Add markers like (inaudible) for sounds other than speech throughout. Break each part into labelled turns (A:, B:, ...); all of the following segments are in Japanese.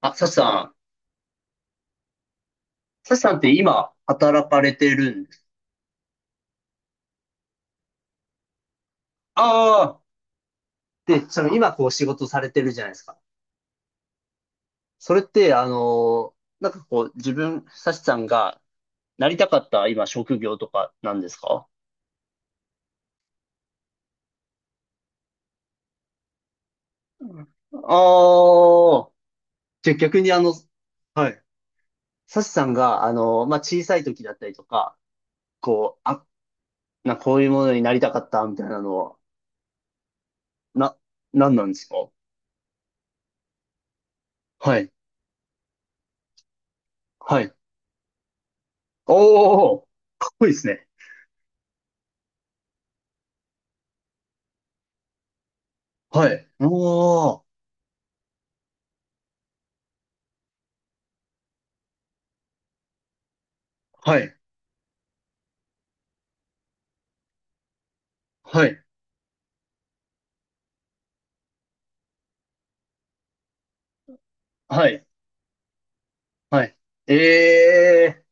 A: あ、サチさん。サチさんって今、働かれてるんです。ああ。で、その今、こう、仕事されてるじゃないですか。それって、なんかこう、自分、サチさんがなりたかった今、職業とかなんですか？ああー。じゃあ逆にはい。サチさんが、まあ、小さい時だったりとか、こう、あ、こういうものになりたかったみたいなのは、な、なんなんですか？はい。はい。おお、かっこいいですね。はい。おお。はい、はい、はい、はい。ええ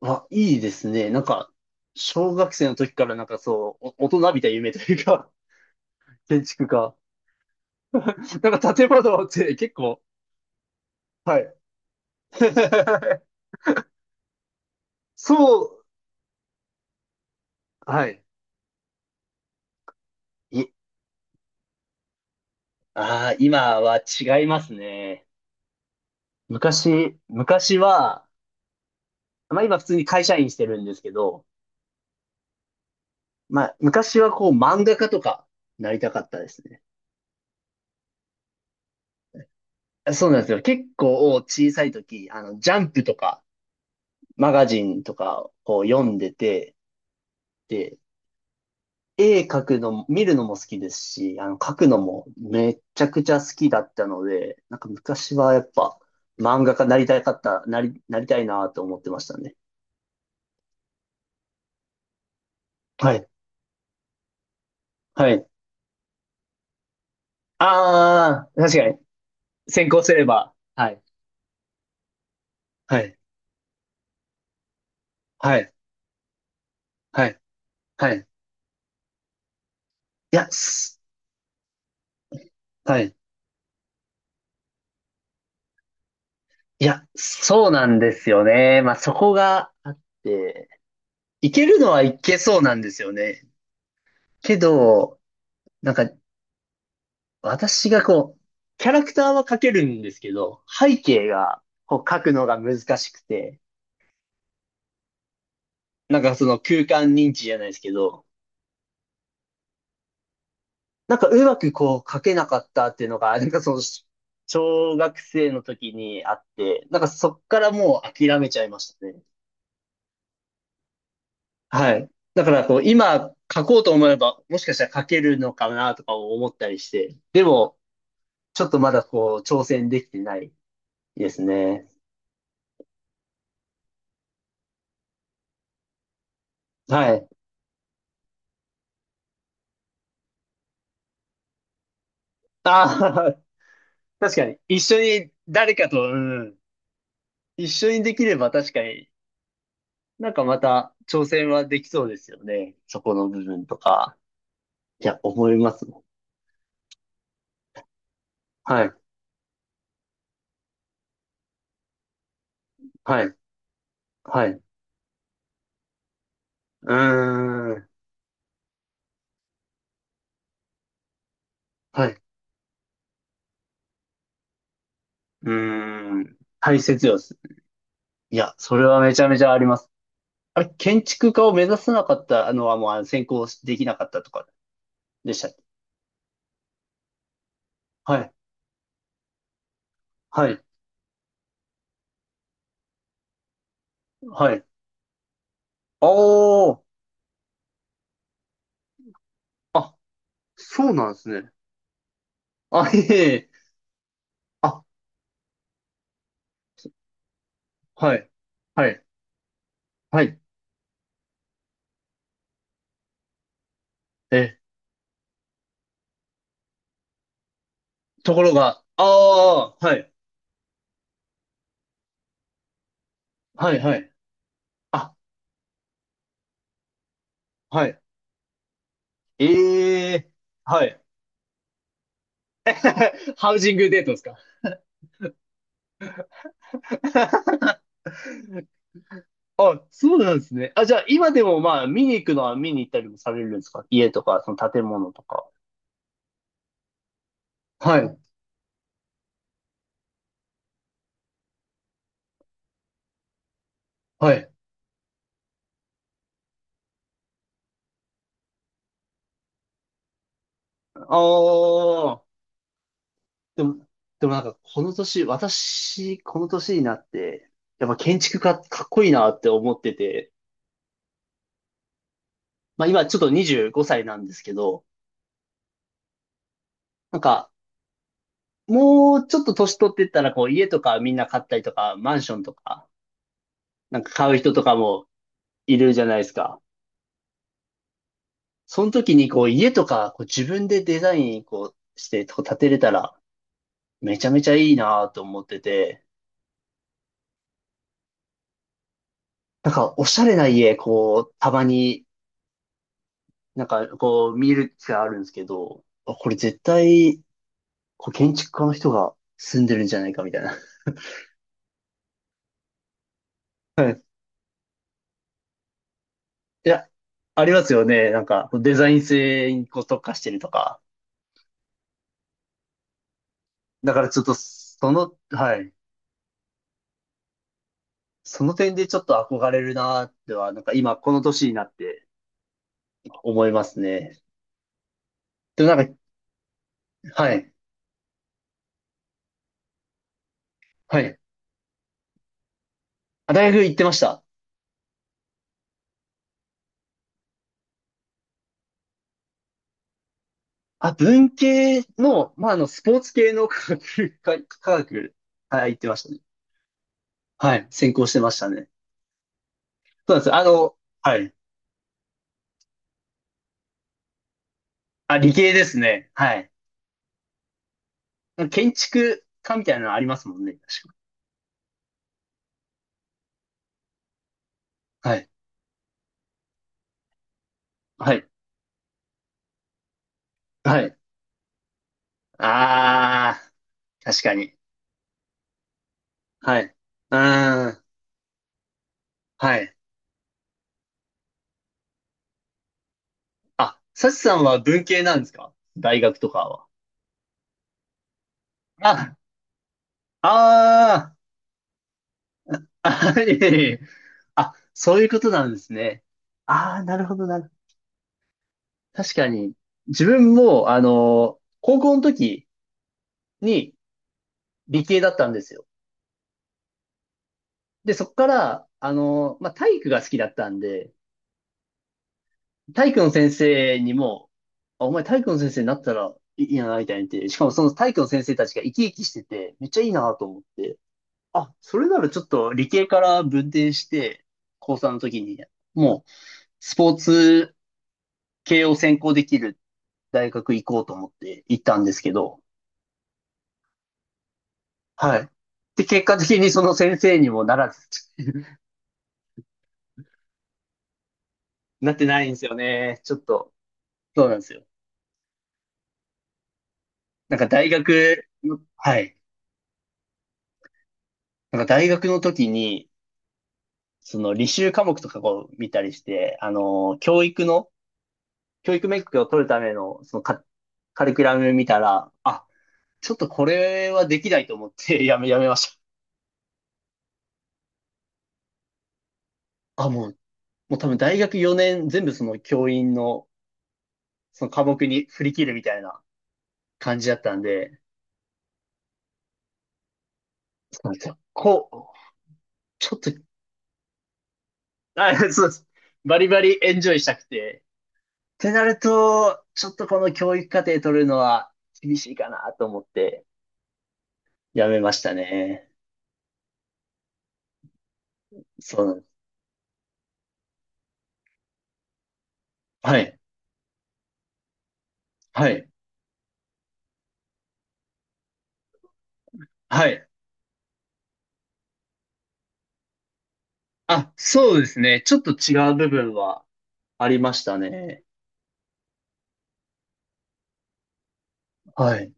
A: ー、わ、いいですね。なんか、小学生の時からなんかそう、お大人びた夢というか、(laughs) 建築家。なんか建物って結構、はい。(laughs) そう、はい。い、ああ、今は違いますね。昔は、まあ今普通に会社員してるんですけど、まあ昔はこう漫画家とかなりたかったですね。そうなんですよ。結構小さい時、あの、ジャンプとか、マガジンとかを読んでて、で、絵描くのも、見るのも好きですし、あの、描くのもめっちゃくちゃ好きだったので、なんか昔はやっぱ漫画家になりたかった、なりたいなと思ってましたね。はい。はい。ああ、確かに。先行すれば。はい。はい。はい。はい。はい。いや、はい。いや、そうなんですよね。まあ、そこがあって、いけるのはいけそうなんですよね。けど、なんか私がこう、キャラクターは描けるんですけど、背景がこう描くのが難しくて、なんかその空間認知じゃないですけど、なんかうまくこう描けなかったっていうのが、なんかその、小学生の時にあって、なんかそっからもう諦めちゃいましたね。はい。だからこう、今描こうと思えば、もしかしたら描けるのかなとか思ったりして、でも、ちょっとまだこう、挑戦できてないですね。はい。ああ、確かに、一緒に誰かと、うん、一緒にできれば確かに、なんかまた挑戦はできそうですよね。そこの部分とか。いや、思いますもん。はい、はい、はい。うーん、はい、うーん。大切よ。いや、それはめちゃめちゃあります。あれ、建築家を目指さなかったのはもうあの専攻できなかったとかでしたっけ？はい、はい、はい。おー、あ、そうなんですね。あ、いえいえ。あ、はい、はい。はいえ、ところが、ああ、はい、はい、はい。あ、はい。ええ、はい。(laughs) ハウジングデートですか？ (laughs) あ、そうなんですね。あ、じゃあ、今でもまあ、見に行くのは見に行ったりもされるんですか？家とか、その建物とか。はい、はい。ああ、でも、でもなんか、この年、私、この年になって、やっぱ建築家かっこいいなって思ってて、まあ今ちょっと25歳なんですけど、なんかもうちょっと年取ってったら、こう、家とかみんな買ったりとか、マンションとか、なんか買う人とかもいるじゃないですか。その時に、こう、家とか、こう、自分でデザイン、こう、して、こう建てれたら、めちゃめちゃいいなと思ってて、なんか、おしゃれな家、こう、たまに、なんか、こう、見る機会あるんですけど、あこれ絶対、こう、建築家の人が住んでるんじゃないか、みたいな。(laughs) はい。いや、ありますよね。なんか、デザイン性にこう特化してるとか。だからちょっと、その、はい。その点でちょっと憧れるなーっては、なんか今この年になって思いますね。でもなんか、はい。はい。あ、大学行ってました。あ、文系の、まあ、スポーツ系の科学、科学、はい、行ってましたね。はい。専攻してましたね。そうなんです。あの、はい。あ、理系ですね。はい。建築家みたいなのありますもんね。確か。はい。はい。はい。ああ、確かに。はい。うーん。はい。あ、サチさんは文系なんですか？大学とかは。あ、あーあ、いえいえ、あ、そういうことなんですね。ああ、なるほど。確かに、自分も、高校の時に理系だったんですよ。で、そこから、まあ、体育が好きだったんで、体育の先生にも、あ、お前体育の先生になったらいいやな、みたいに言って、しかもその体育の先生たちが生き生きしてて、めっちゃいいなと思って、あ、それならちょっと理系から分転して、高3の時に、もう、スポーツ系を専攻できる大学行こうと思って行ったんですけど、はい。で、結果的にその先生にもならず、なってないんですよね。ちょっと、そうなんですよ。なんか大学の、はい。なんか大学の時に、その履修科目とかを見たりして、教育の、教育免許を取るための、カリキュラム見たら、あ、ちょっとこれはできないと思って (laughs) やめました。あ、もう多分大学4年全部その教員のその科目に振り切るみたいな感じだったんで、そうなんですよこう、ちょっと、あ、そうです。バリバリエンジョイしたくて。ってなると、ちょっとこの教育課程取るのは厳しいかなと思ってやめましたね。そうなんです。はい。はい。はい。あ、そうですね。ちょっと違う部分はありましたね。はい。